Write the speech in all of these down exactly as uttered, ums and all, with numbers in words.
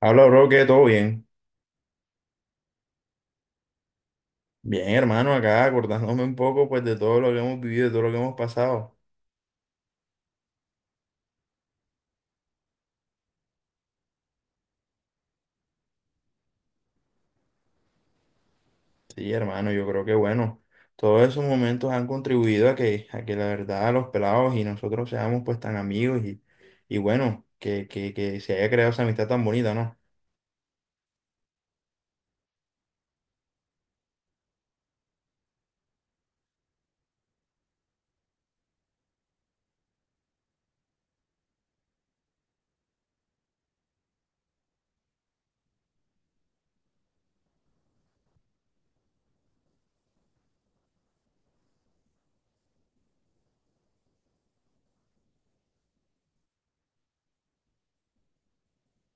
Habla, bro, que todo bien. Bien, hermano, acá acordándome un poco pues de todo lo que hemos vivido, de todo lo que hemos pasado. Sí, hermano, yo creo que bueno, todos esos momentos han contribuido a que, a que la verdad los pelados y nosotros seamos pues tan amigos y, y bueno, que, que, que se haya creado esa amistad tan bonita, ¿no?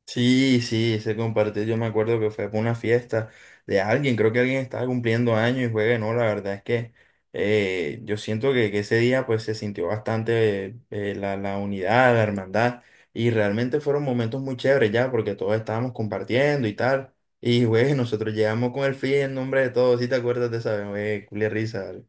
Sí, sí, ese compartir. Yo me acuerdo que fue por una fiesta de alguien, creo que alguien estaba cumpliendo años y juegue, no, la verdad es que eh, yo siento que, que ese día pues se sintió bastante eh, la, la unidad, la hermandad, y realmente fueron momentos muy chéveres ya porque todos estábamos compartiendo y tal. Y güey, nosotros llegamos con el fin en nombre de todos, si te acuerdas de esa vez, güey, culia risa, ¿vale?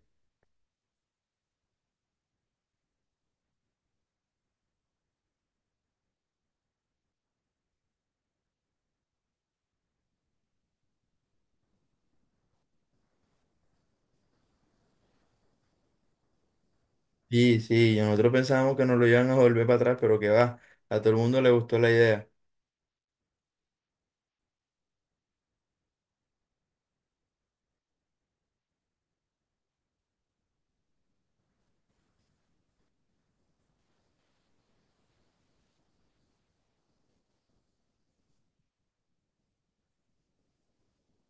Sí, sí, y nosotros pensábamos que nos lo iban a volver para atrás, pero que va, a todo el mundo le gustó la idea.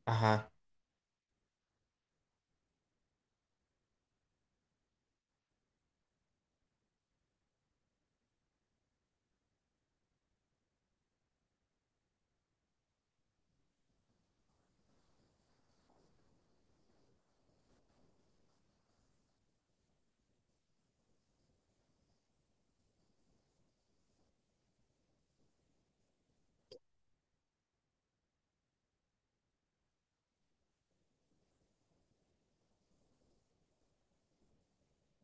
Ajá.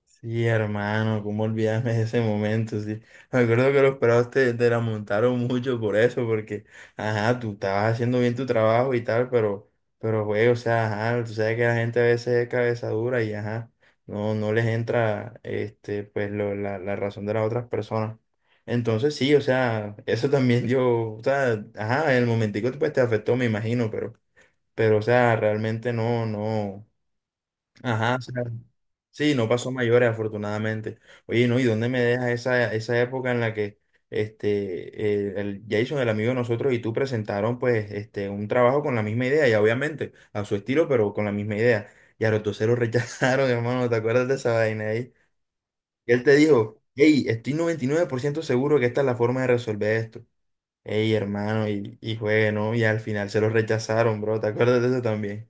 Sí, hermano, cómo olvidarme de ese momento, sí. Me acuerdo que los pelados te, te la montaron mucho por eso, porque, ajá, tú estabas haciendo bien tu trabajo y tal, pero, pero, güey, o sea, ajá, tú sabes que la gente a veces es cabeza dura y, ajá, no, no les entra, este, pues, lo- la, la razón de las otras personas. Entonces, sí, o sea, eso también yo, o sea, ajá, en el momentico, pues, te afectó, me imagino, pero, pero, o sea, realmente no, no, ajá, o sea. Sí, no pasó a mayores, afortunadamente. Oye, no, ¿y dónde me deja esa, esa época en la que este, eh, el Jason, el amigo de nosotros, y tú presentaron pues este, un trabajo con la misma idea, y obviamente a su estilo, pero con la misma idea? Y a los dos se lo rechazaron, hermano, ¿te acuerdas de esa vaina ahí? Y él te dijo, hey, estoy noventa y nueve por ciento seguro que esta es la forma de resolver esto. Hey, hermano, y, y juegue, ¿no? Y al final se lo rechazaron, bro, ¿te acuerdas de eso también?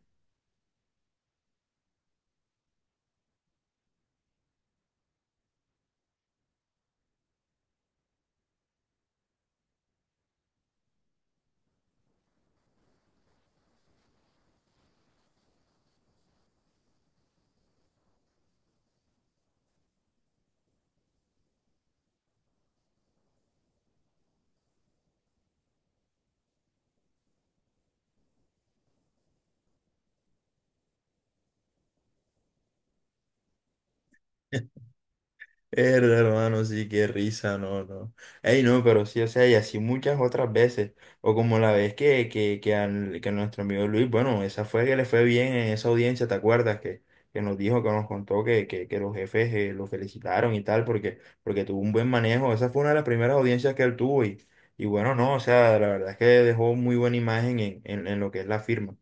Herda, hermano, sí, qué risa, no, no. Ey, no, pero sí, o sea, y así muchas otras veces. O como la vez que, que, que, al- que nuestro amigo Luis, bueno, esa fue que le fue bien en esa audiencia, ¿te acuerdas? Que, que nos dijo, que nos contó que, que, que los jefes eh, lo felicitaron y tal, porque, porque tuvo un buen manejo. Esa fue una de las primeras audiencias que él tuvo y, y bueno, no, o sea, la verdad es que dejó muy buena imagen en, en, en lo que es la firma.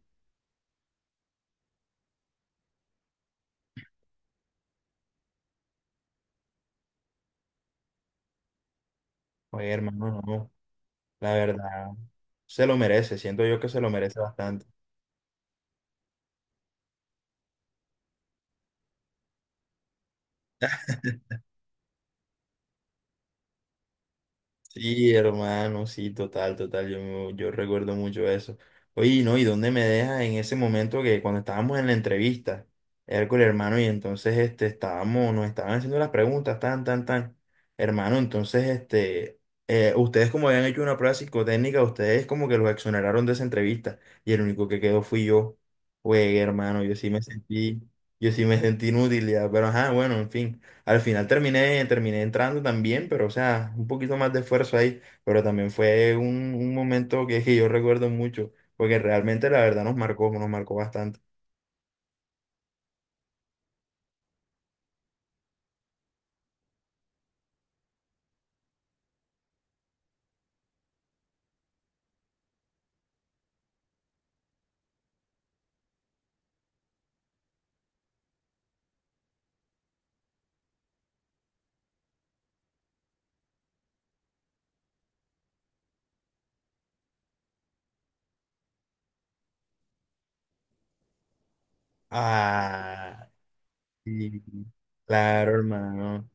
Oye, hermano, no, la verdad, se lo merece, siento yo que se lo merece bastante. Sí, hermano, sí, total, total, yo, me- yo recuerdo mucho eso. Oye, ¿no? ¿Y dónde me dejas en ese momento que cuando estábamos en la entrevista, Hércules, hermano? Y entonces, este, estábamos, nos estaban haciendo las preguntas, tan, tan, tan. Hermano, entonces, este, eh, ustedes como habían hecho una prueba psicotécnica, ustedes como que los exoneraron de esa entrevista, y el único que quedó fui yo. Güey, hermano, yo sí me sentí, yo sí me sentí inútil, ya, pero ajá, bueno, en fin. Al final terminé, terminé entrando también, pero o sea, un poquito más de esfuerzo ahí, pero también fue un, un momento que, que yo recuerdo mucho, porque realmente la verdad nos marcó, nos marcó bastante. Ah, sí, claro, hermano.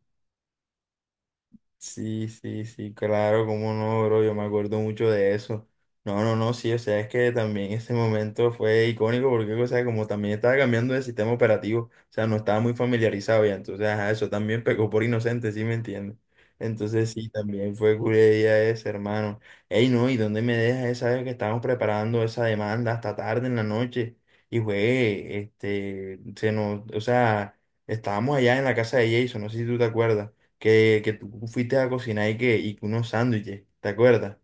Sí, sí, sí, claro, cómo no, bro, yo me acuerdo mucho de eso. No, no, no, sí, o sea, es que también ese momento fue icónico porque, o sea, como también estaba cambiando de sistema operativo, o sea, no estaba muy familiarizado ya, entonces, ajá, eso también pecó por inocente, ¿sí me entiendes? Entonces, sí, también fue culería ese, hermano. Ey, no, ¿y dónde me dejas esa vez que estábamos preparando esa demanda hasta tarde en la noche? Y fue, este, se nos, o sea, estábamos allá en la casa de Jason, no sé si tú te acuerdas que, que tú fuiste a cocinar y que, y que unos sándwiches, ¿te acuerdas?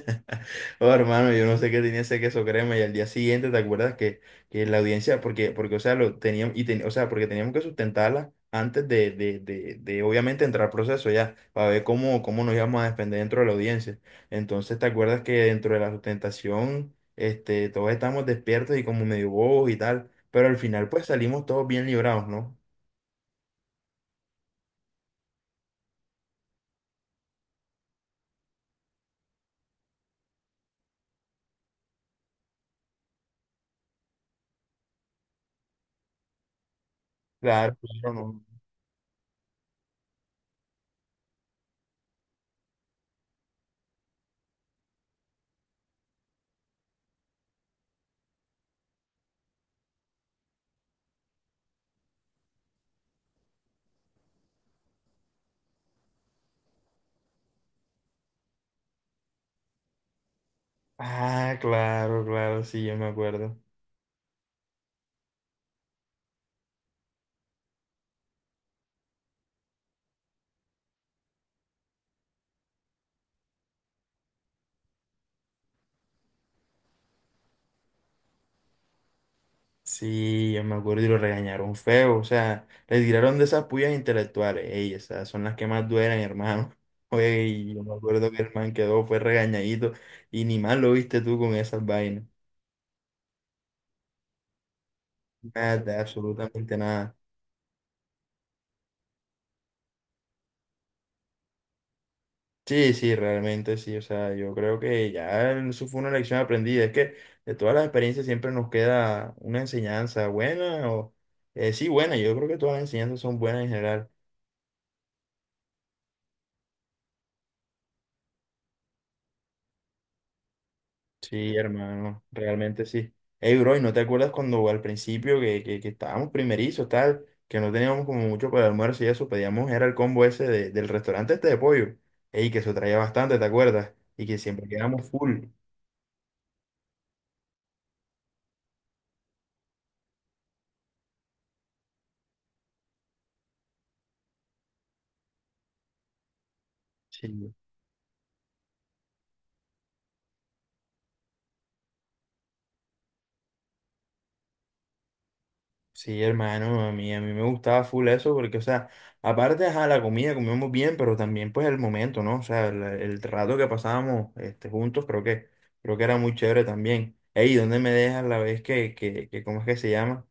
Oh, hermano, yo no sé qué tenía ese queso crema y al día siguiente, ¿te acuerdas que, que la audiencia, porque, porque, o sea, lo teníamos, y ten- o sea, porque teníamos que sustentarla antes de, de, de, de, obviamente entrar al proceso ya, para ver cómo, cómo nos íbamos a defender dentro de la audiencia. Entonces, ¿te acuerdas que dentro de la sustentación, este, todos estábamos despiertos y como medio bobos y tal, pero al final pues salimos todos bien librados, ¿no? Claro, claro, no. Ah, claro, claro, sí, yo me acuerdo. Sí, yo me acuerdo y lo regañaron feo. O sea, le tiraron de esas puyas intelectuales. Ey, esas son las que más duelen, hermano. Oye, y yo me acuerdo que el man quedó, fue regañadito. Y ni mal lo viste tú con esas vainas. Nada, absolutamente nada. Sí, sí, realmente sí. O sea, yo creo que ya eso fue una lección aprendida. Es que de todas las experiencias siempre nos queda una enseñanza buena o... eh, sí, buena. Yo creo que todas las enseñanzas son buenas en general. Sí, hermano, realmente sí. Ey, bro, ¿y no te acuerdas cuando al principio que, que, que estábamos primerizos, tal, que no teníamos como mucho para el almuerzo y eso, pedíamos, era el combo ese de- del restaurante este de pollo? Ey, que eso traía bastante, ¿te acuerdas? Y que siempre quedamos full. Sí. Sí, hermano, a mí, a mí me gustaba full eso porque, o sea, aparte, ajá, la comida comíamos bien, pero también, pues, el momento, ¿no? O sea, el, el rato que pasábamos este, juntos creo que, creo que era muy chévere también. Ey, ¿dónde me dejas la vez que, que, que, ¿cómo es que se llama?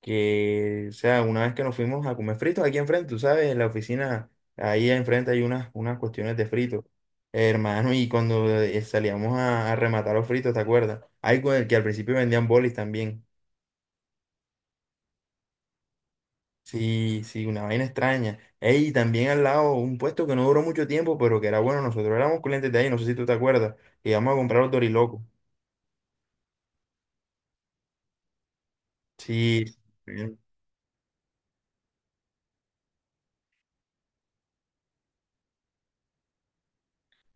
Que, o sea, una vez que nos fuimos a comer fritos aquí enfrente, tú sabes, en la oficina, ahí enfrente hay unas, unas cuestiones de fritos, hermano, y cuando eh, salíamos a, a rematar los fritos, ¿te acuerdas? Hay que al principio vendían bolis también. Sí, sí, una vaina extraña. Ey, y también al lado, un puesto que no duró mucho tiempo, pero que era bueno, nosotros éramos clientes de ahí, no sé si tú te acuerdas, que íbamos a comprar los dorilocos. Sí.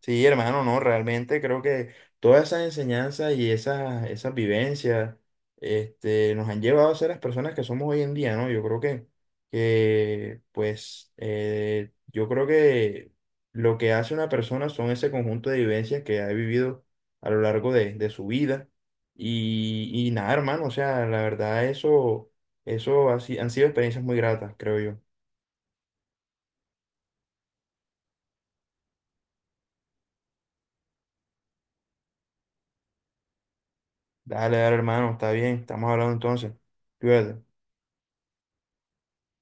Sí, hermano, no, realmente creo que todas esas enseñanzas y esas, esas vivencias este, nos han llevado a ser las personas que somos hoy en día, ¿no? Yo creo que, que pues, eh, yo creo que lo que hace una persona son ese conjunto de vivencias que ha vivido a lo largo de, de su vida. Y, y nada, hermano, o sea, la verdad, eso, eso ha si- han sido experiencias muy gratas, creo yo. Dale, dale, hermano, está bien, estamos hablando entonces. Cuídate.